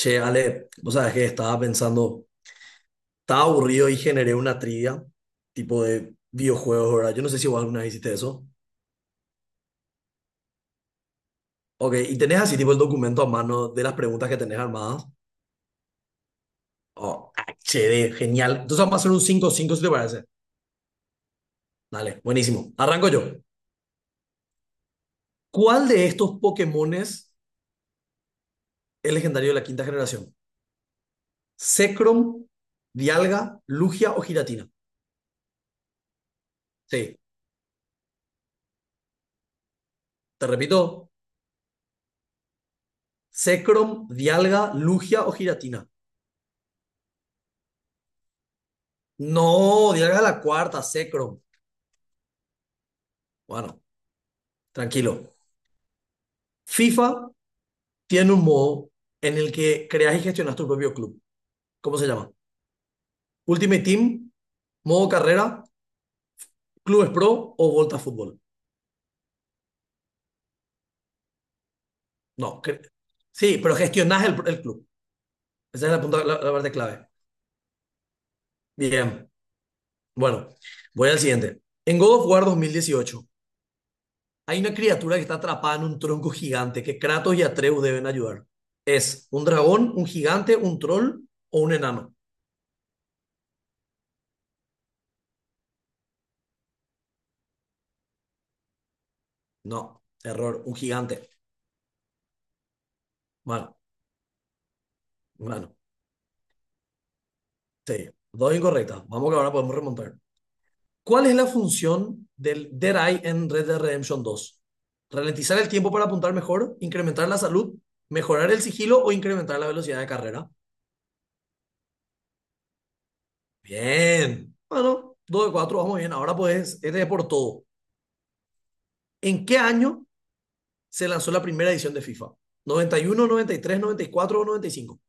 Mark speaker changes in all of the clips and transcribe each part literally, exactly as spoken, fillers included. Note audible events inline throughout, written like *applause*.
Speaker 1: Che, Ale, vos sabés que estaba pensando, estaba aburrido y generé una trivia, tipo de videojuegos, ¿verdad? Yo no sé si vos alguna vez hiciste eso. Ok, y tenés así, tipo, el documento a mano de las preguntas que tenés armadas. Oh, H D, genial. Entonces vamos a hacer un cinco. 5 si te parece. Dale, buenísimo. Arranco yo. ¿Cuál de estos Pokémones es legendario de la quinta generación? Zekrom, Dialga, Lugia o Giratina. Sí, te repito, Zekrom, Dialga, Lugia o Giratina. No, llega la cuarta, Secro. Bueno, tranquilo. FIFA tiene un modo en el que creas y gestionas tu propio club. ¿Cómo se llama? Ultimate Team, modo carrera, Clubes Pro o Volta Fútbol. No, cre- sí, pero gestionas el, el club. Esa es la, punta- la- la parte clave. Bien, bueno, voy al siguiente. En God of War dos mil dieciocho, hay una criatura que está atrapada en un tronco gigante que Kratos y Atreus deben ayudar. ¿Es un dragón, un gigante, un troll o un enano? No, error, un gigante. Mano, mano, sí, dos incorrectas. Vamos que ahora podemos remontar. ¿Cuál es la función del Dead Eye en Red Dead Redemption dos? ¿Ralentizar el tiempo para apuntar mejor? ¿Incrementar la salud? ¿Mejorar el sigilo o incrementar la velocidad de carrera? Bien. Bueno, dos de cuatro vamos bien. Ahora pues, este es por todo. ¿En qué año se lanzó la primera edición de FIFA? Noventa noventa y y uno, noventa y tres, noventa y cuatro o noventa y cinco?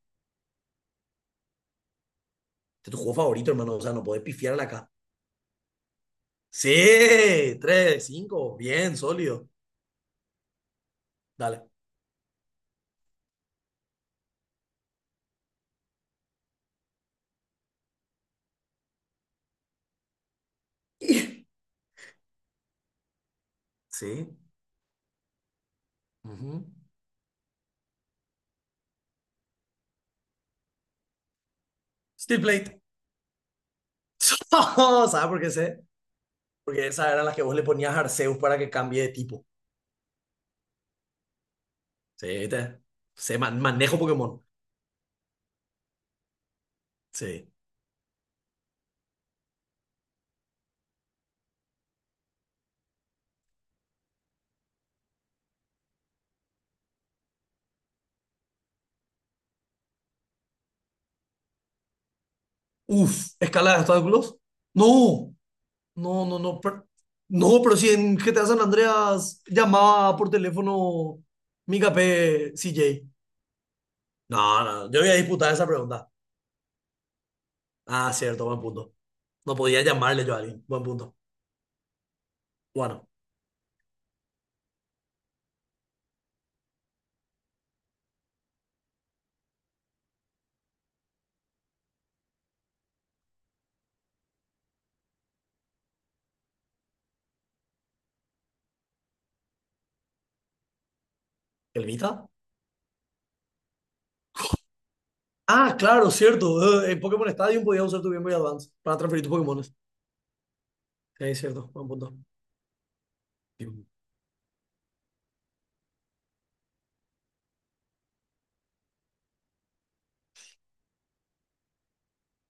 Speaker 1: Este es tu juego favorito, hermano. O sea, no podés pifiarla acá. Sí, tres, cinco, bien, sólido. Dale. *laughs* Sí. ujú. Steel Plate. *laughs* ¿Sabes por qué sé? Porque esas eran las que vos le ponías a Arceus para que cambie de tipo. Sí, te. Sé, man- manejo Pokémon. Sí. Uf, escala de obstáculos. No, no, no, no. Per- no, pero si en G T A San Andreas llamaba por teléfono mi K P C J. No, no, yo voy a disputar esa pregunta. Ah, cierto, buen punto. No podía llamarle yo a alguien. Buen punto. Bueno, ¿el Vita? Ah, claro, cierto. eh, En Pokémon Stadium podías usar tu Game Boy Advance para transferir tus Pokémones. Sí, es cierto. Buen punto. *laughs*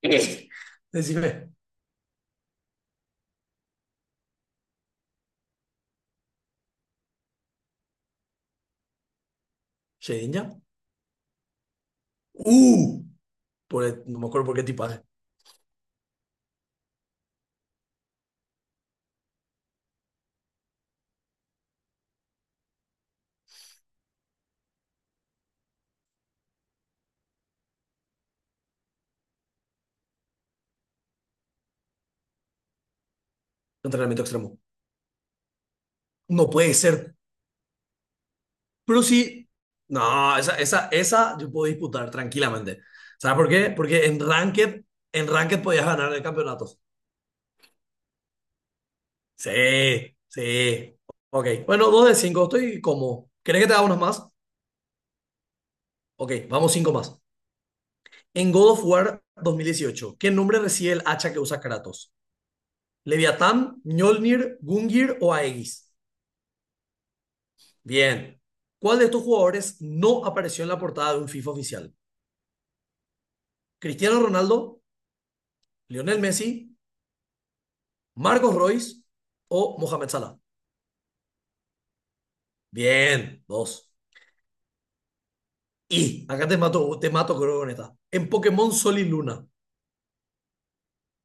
Speaker 1: Eh, Decime, ¿Shedinja? Uh, por el- no me acuerdo por qué tipaje. Entrenamiento extremo. No puede ser. Pero sí. No, esa, esa, esa yo puedo disputar tranquilamente. ¿Sabes por qué? Porque en Ranked, en Ranked podías ganar el campeonato. Sí, sí. Ok. Bueno, dos de cinco. Estoy como. ¿Querés que te haga unos más? Ok, vamos cinco más. En God of War dos mil dieciocho, ¿qué nombre recibe el hacha que usa Kratos? ¿Leviatán, Mjolnir, Gungir o Aegis? Bien. ¿Cuál de estos jugadores no apareció en la portada de un FIFA oficial? ¿Cristiano Ronaldo, Lionel Messi, Marcos Royce o Mohamed Salah? Bien, dos. Y acá te mato, te mato creo con esta. En Pokémon Sol y Luna,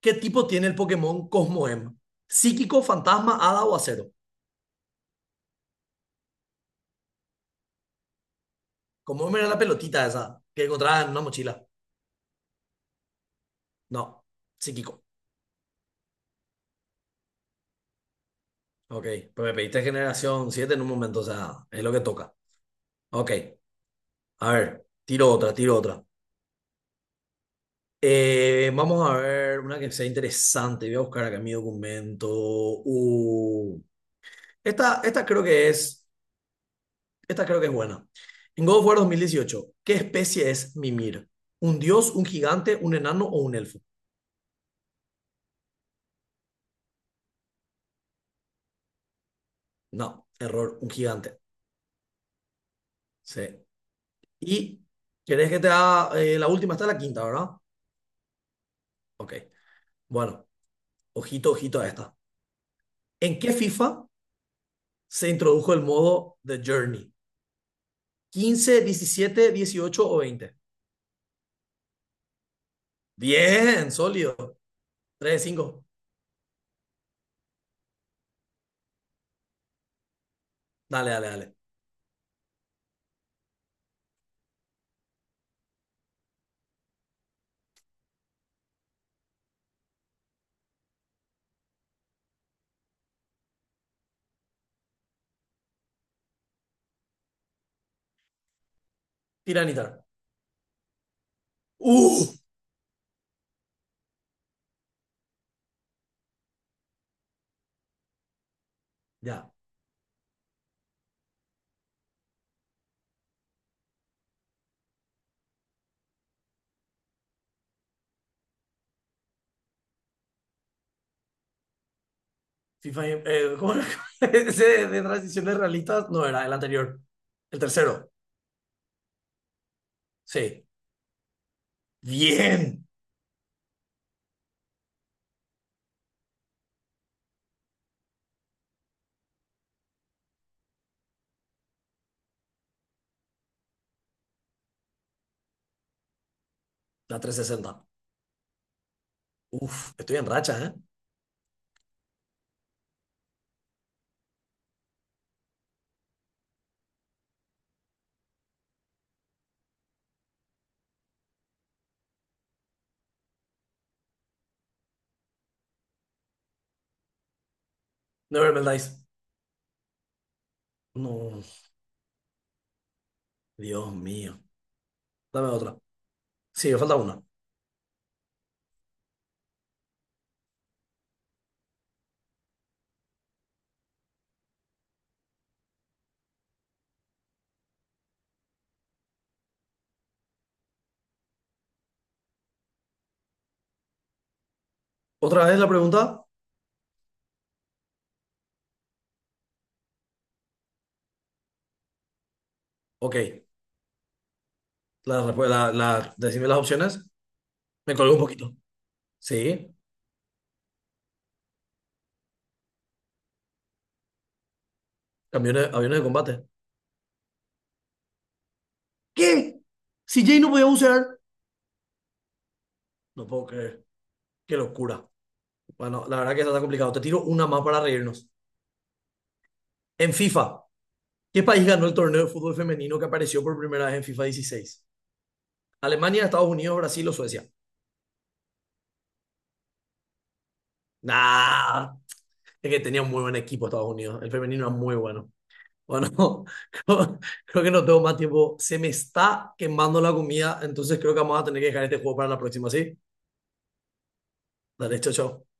Speaker 1: ¿qué tipo tiene el Pokémon Cosmoem? ¿Psíquico, fantasma, hada o acero? Como era la pelotita esa que encontraba en una mochila. No, psíquico. Ok, pues me pediste generación siete en un momento, o sea, es lo que toca. Ok, a ver, tiro otra, tiro otra. Eh, vamos a ver una que sea interesante. Voy a buscar acá mi documento. Uh, esta, esta creo que es, esta creo que es buena. En God of War dos mil dieciocho, ¿qué especie es Mimir? ¿Un dios, un gigante, un enano o un elfo? No, error, un gigante. Sí. ¿Y querés que te haga eh, la última? Está la quinta, ¿verdad? Ok. Bueno, ojito, ojito a esta. ¿En qué FIFA se introdujo el modo The Journey? ¿Quince, diecisiete, dieciocho o veinte? Bien, sólido. Tres, de cinco. Dale, dale, dale. Tiranitar. ¡Uh! Ya. FIFA, eh, ¿cómo era? *laughs* Ese de transiciones realistas no era el anterior. El tercero. Sí. Bien. La trescientos sesenta. Uf, estoy en racha, ¿eh? Never Melt Dice. No, Dios mío. Dame otra. Sí, me falta una. ¿Otra vez la pregunta? Ok. La, respu- la, la, decime las opciones. Me colgué un poquito. Sí, aviones, aviones de combate. ¿Qué? Si Jay no podía bucear. No puedo creer. Qué locura. Bueno, la verdad que eso está complicado. Te tiro una más para reírnos. En FIFA, ¿qué país ganó el torneo de fútbol femenino que apareció por primera vez en FIFA dieciséis? ¿Alemania, Estados Unidos, Brasil o Suecia? Nah, es que tenía un muy buen equipo Estados Unidos. El femenino era muy bueno. Bueno, *laughs* creo, creo que no tengo más tiempo. Se me está quemando la comida, entonces creo que vamos a tener que dejar este juego para la próxima, ¿sí? Dale, chao, chao.